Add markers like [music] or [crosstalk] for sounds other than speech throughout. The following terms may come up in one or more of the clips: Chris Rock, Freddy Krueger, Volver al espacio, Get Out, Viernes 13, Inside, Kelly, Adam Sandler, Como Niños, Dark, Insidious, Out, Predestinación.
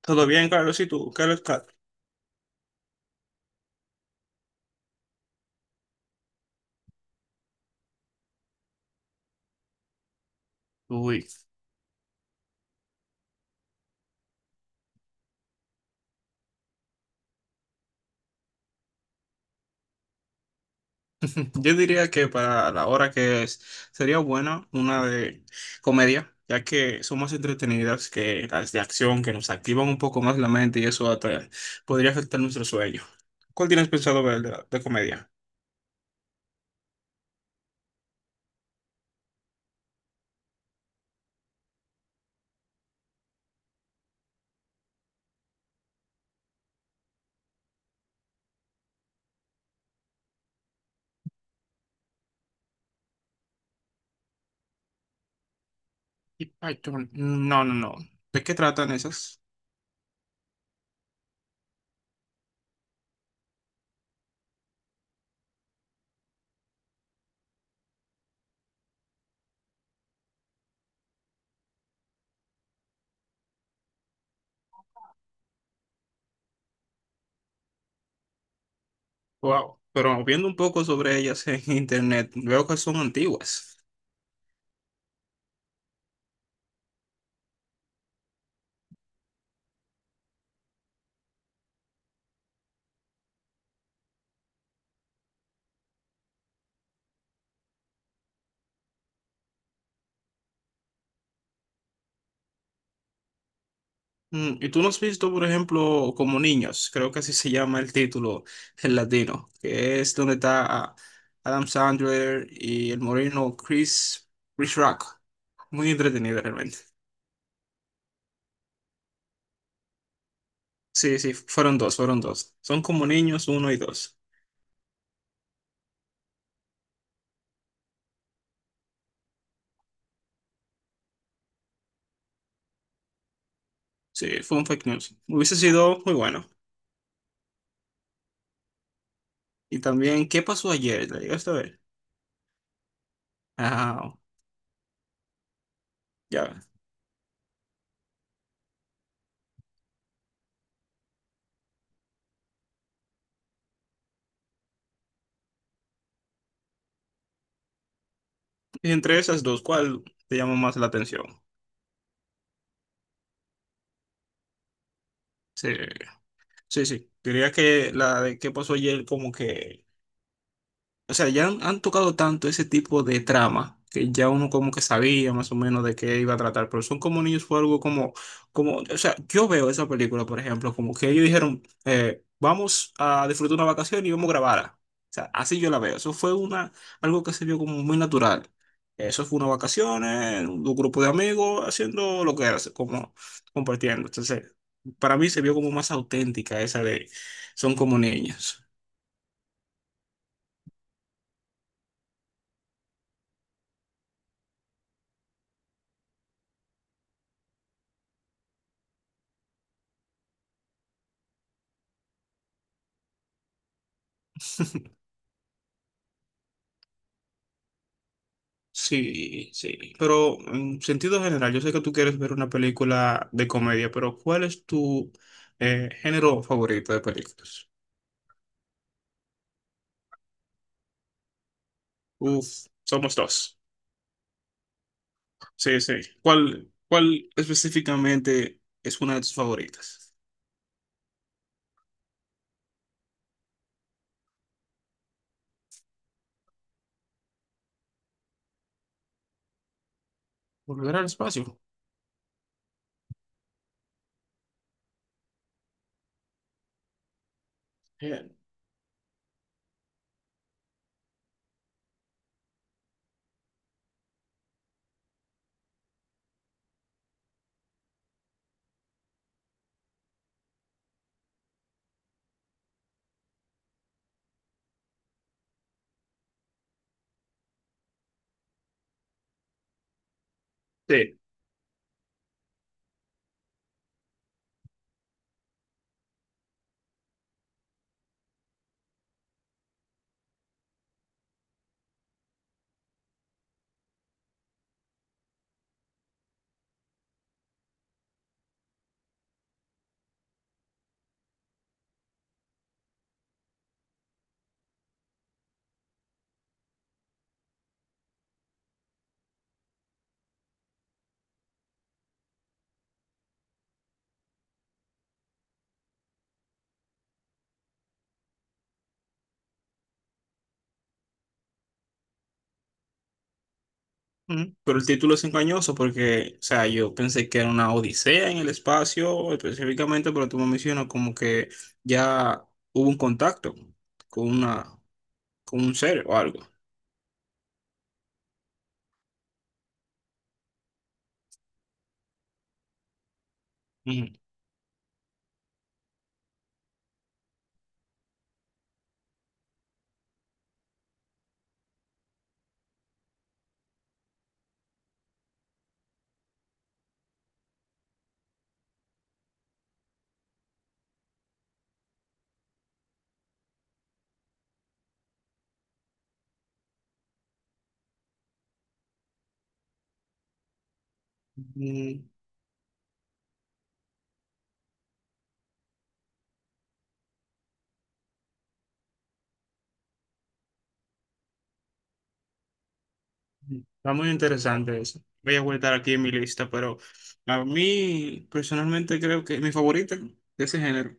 Todo bien, Carlos, ¿y tú? ¿Qué lo está? Uy, yo diría que para la hora que es, sería buena una de comedia, ya que son más entretenidas que las de acción, que nos activan un poco más la mente y eso hasta podría afectar nuestro sueño. ¿Cuál tienes pensado ver de comedia? Y Python. No, no, no. ¿De qué tratan esas? Wow. Pero viendo un poco sobre ellas en internet, veo que son antiguas. Mm, ¿y tú no has visto, por ejemplo, Como Niños? Creo que así se llama el título [laughs] en latino, que es donde está Adam Sandler y el moreno Chris, Chris Rock. Muy entretenido realmente. Sí, sí, fueron dos, fueron dos. Son Como Niños uno y dos. Sí, fue un fake news. Hubiese sido muy bueno. Y también, ¿qué pasó ayer? ¿La llegaste a ver? Ah, ya. Y entre esas dos, ¿cuál te llamó más la atención? Sí, sí, sí. Diría que la de qué pasó ayer como que, o sea, ya han tocado tanto ese tipo de trama que ya uno como que sabía más o menos de qué iba a tratar, pero Son como niños fue algo como, como, o sea, yo veo esa película, por ejemplo, como que ellos dijeron, vamos a disfrutar una vacación y vamos a grabarla. O sea, así yo la veo. Eso fue una, algo que se vio como muy natural. Eso fue una vacaciones, un grupo de amigos haciendo lo que era, como compartiendo. Entonces, para mí se vio como más auténtica esa de, son como niños. Sí, sí, pero en sentido general, yo sé que tú quieres ver una película de comedia, pero ¿cuál es tu género favorito de películas? Uf, somos dos. Sí, sí. ¿Cuál, cuál específicamente es una de tus favoritas? Volver al espacio. Bien. Sí. Ujú. Pero el título es engañoso porque, o sea, yo pensé que era una odisea en el espacio específicamente, pero tú me mencionas como que ya hubo un contacto con una, con un ser o algo. Ujú. Mm, está muy interesante eso. Voy a guardar aquí en mi lista, pero a mí personalmente creo que mi favorita de ese género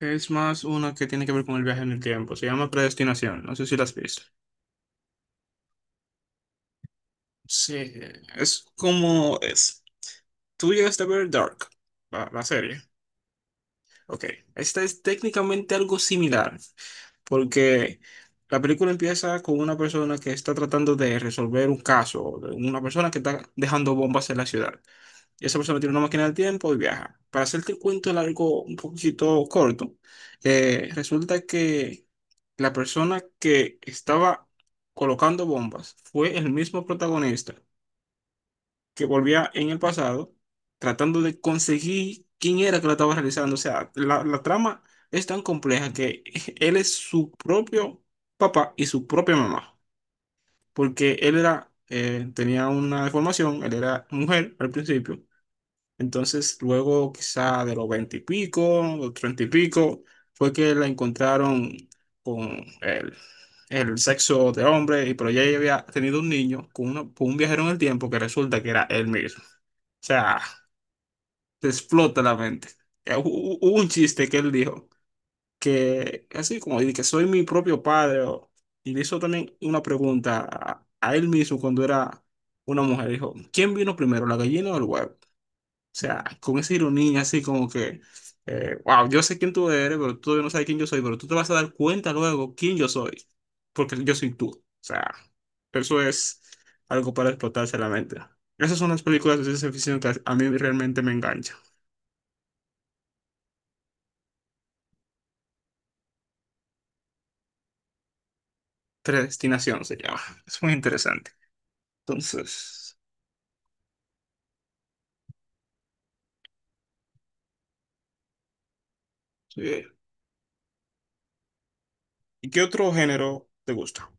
es más una que tiene que ver con el viaje en el tiempo. Se llama Predestinación. No sé si la has visto. Sí, es como es. Tú llegaste a ver Dark, la serie. Ok, esta es técnicamente algo similar, porque la película empieza con una persona que está tratando de resolver un caso, de una persona que está dejando bombas en la ciudad. Y esa persona tiene una máquina del tiempo y viaja. Para hacerte el cuento largo, un poquito corto, resulta que la persona que estaba colocando bombas fue el mismo protagonista que volvía en el pasado tratando de conseguir quién era que la estaba realizando. O sea, la trama es tan compleja que [laughs] él es su propio papá y su propia mamá, porque él era, tenía una deformación, él era mujer al principio, entonces luego quizá de los veinte y pico, los treinta y pico, fue que la encontraron con el sexo de hombre, y pero ya ella había tenido un niño con, con un viajero en el tiempo que resulta que era él mismo. O sea, te explota la mente. Hubo un chiste que él dijo, que así como dice que soy mi propio padre, o- y le hizo también una pregunta a él mismo cuando era una mujer. Dijo, ¿quién vino primero, la gallina o el huevo? O sea, con esa ironía así como que, wow, yo sé quién tú eres, pero tú todavía no sabes quién yo soy, pero tú te vas a dar cuenta luego quién yo soy, porque yo soy tú. O sea, eso es algo para explotarse la mente. Esas son las películas de ciencia ficción que a mí realmente me enganchan. Predestinación se llama. Es muy interesante. Entonces, sí. ¿Y qué otro género te gusta?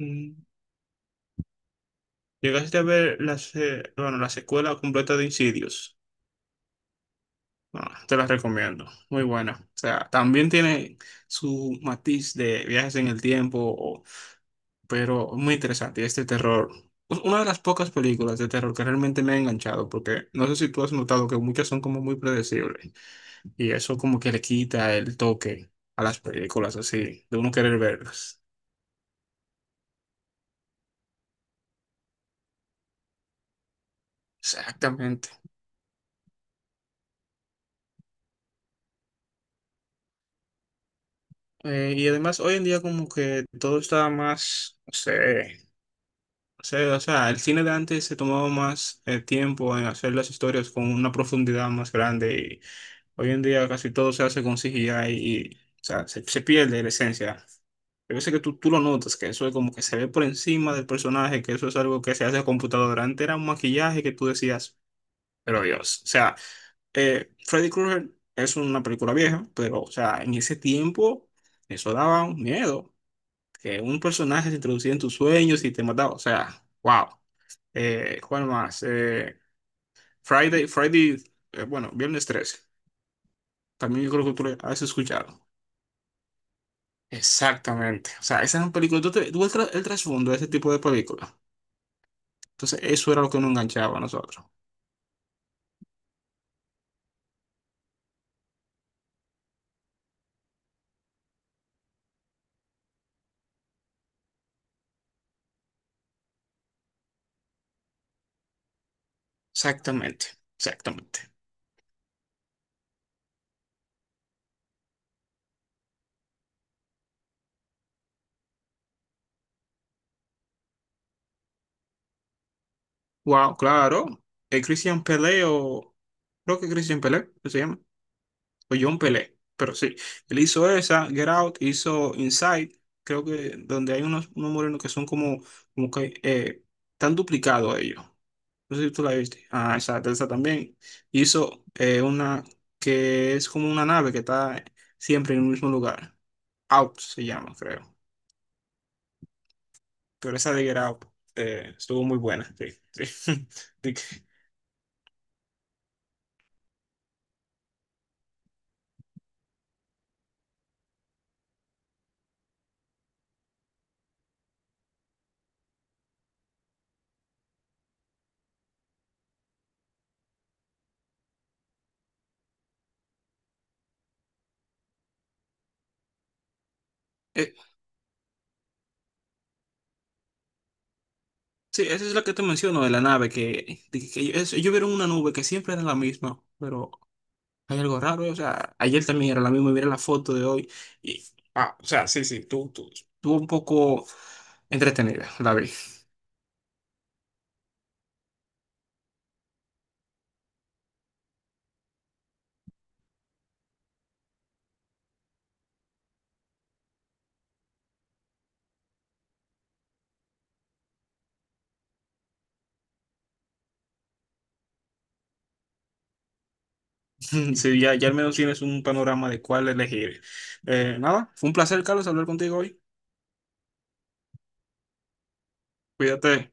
Mm, ¿llegaste a ver la, se- bueno, la secuela completa de Insidious? Bueno, te la recomiendo, muy buena. O sea, también tiene su matiz de viajes en el tiempo, o- pero muy interesante. Este terror, u- una de las pocas películas de terror que realmente me ha enganchado, porque no sé si tú has notado que muchas son como muy predecibles. Y eso como que le quita el toque a las películas así, de uno querer verlas. Exactamente. Y además hoy en día como que todo está más, no sé, no sé, o sea, el cine de antes se tomaba más tiempo en hacer las historias con una profundidad más grande y hoy en día casi todo se hace con CGI y, o sea, se pierde la esencia. Yo veces que tú lo notas, que eso es como que se ve por encima del personaje, que eso es algo que se hace a computadora. Antes era un maquillaje que tú decías, pero Dios, o sea, Freddy Krueger es una película vieja, pero, o sea, en ese tiempo eso daba un miedo, que un personaje se introducía en tus sueños y te mataba, o sea, wow. ¿Cuál más? Friday, Friday, bueno, Viernes 13, también yo creo que tú le has escuchado. Exactamente, o sea, esas son películas, tú, tú ves el, el trasfondo de ese tipo de películas. Entonces, eso era lo que nos enganchaba a nosotros. Exactamente, exactamente. Wow, claro. El Christian Pelé o... Creo que Christian Pelé, ¿qué se llama? O John Pelé, pero sí, él hizo esa, Get Out, hizo Inside, creo que donde hay unos, unos morenos que son como, como que están duplicados a ellos. No sé si tú la viste. Ah, esa también. Hizo una que es como una nave que está siempre en el mismo lugar. Out se llama, creo. Pero esa de Get Out estuvo muy buena. Sí, sí. [laughs] De que- eh, sí, esa es la que te menciono de la nave, que, de que ellos vieron una nube que siempre era la misma, pero hay algo raro, o sea, ayer también era la misma, mira la foto de hoy. Y, ah, o sea, sí, sí, tú, estuvo un poco entretenida, la vi. [laughs] Sí, ya, ya al menos tienes un panorama de cuál elegir. Nada, fue un placer, Carlos, hablar contigo hoy. Cuídate.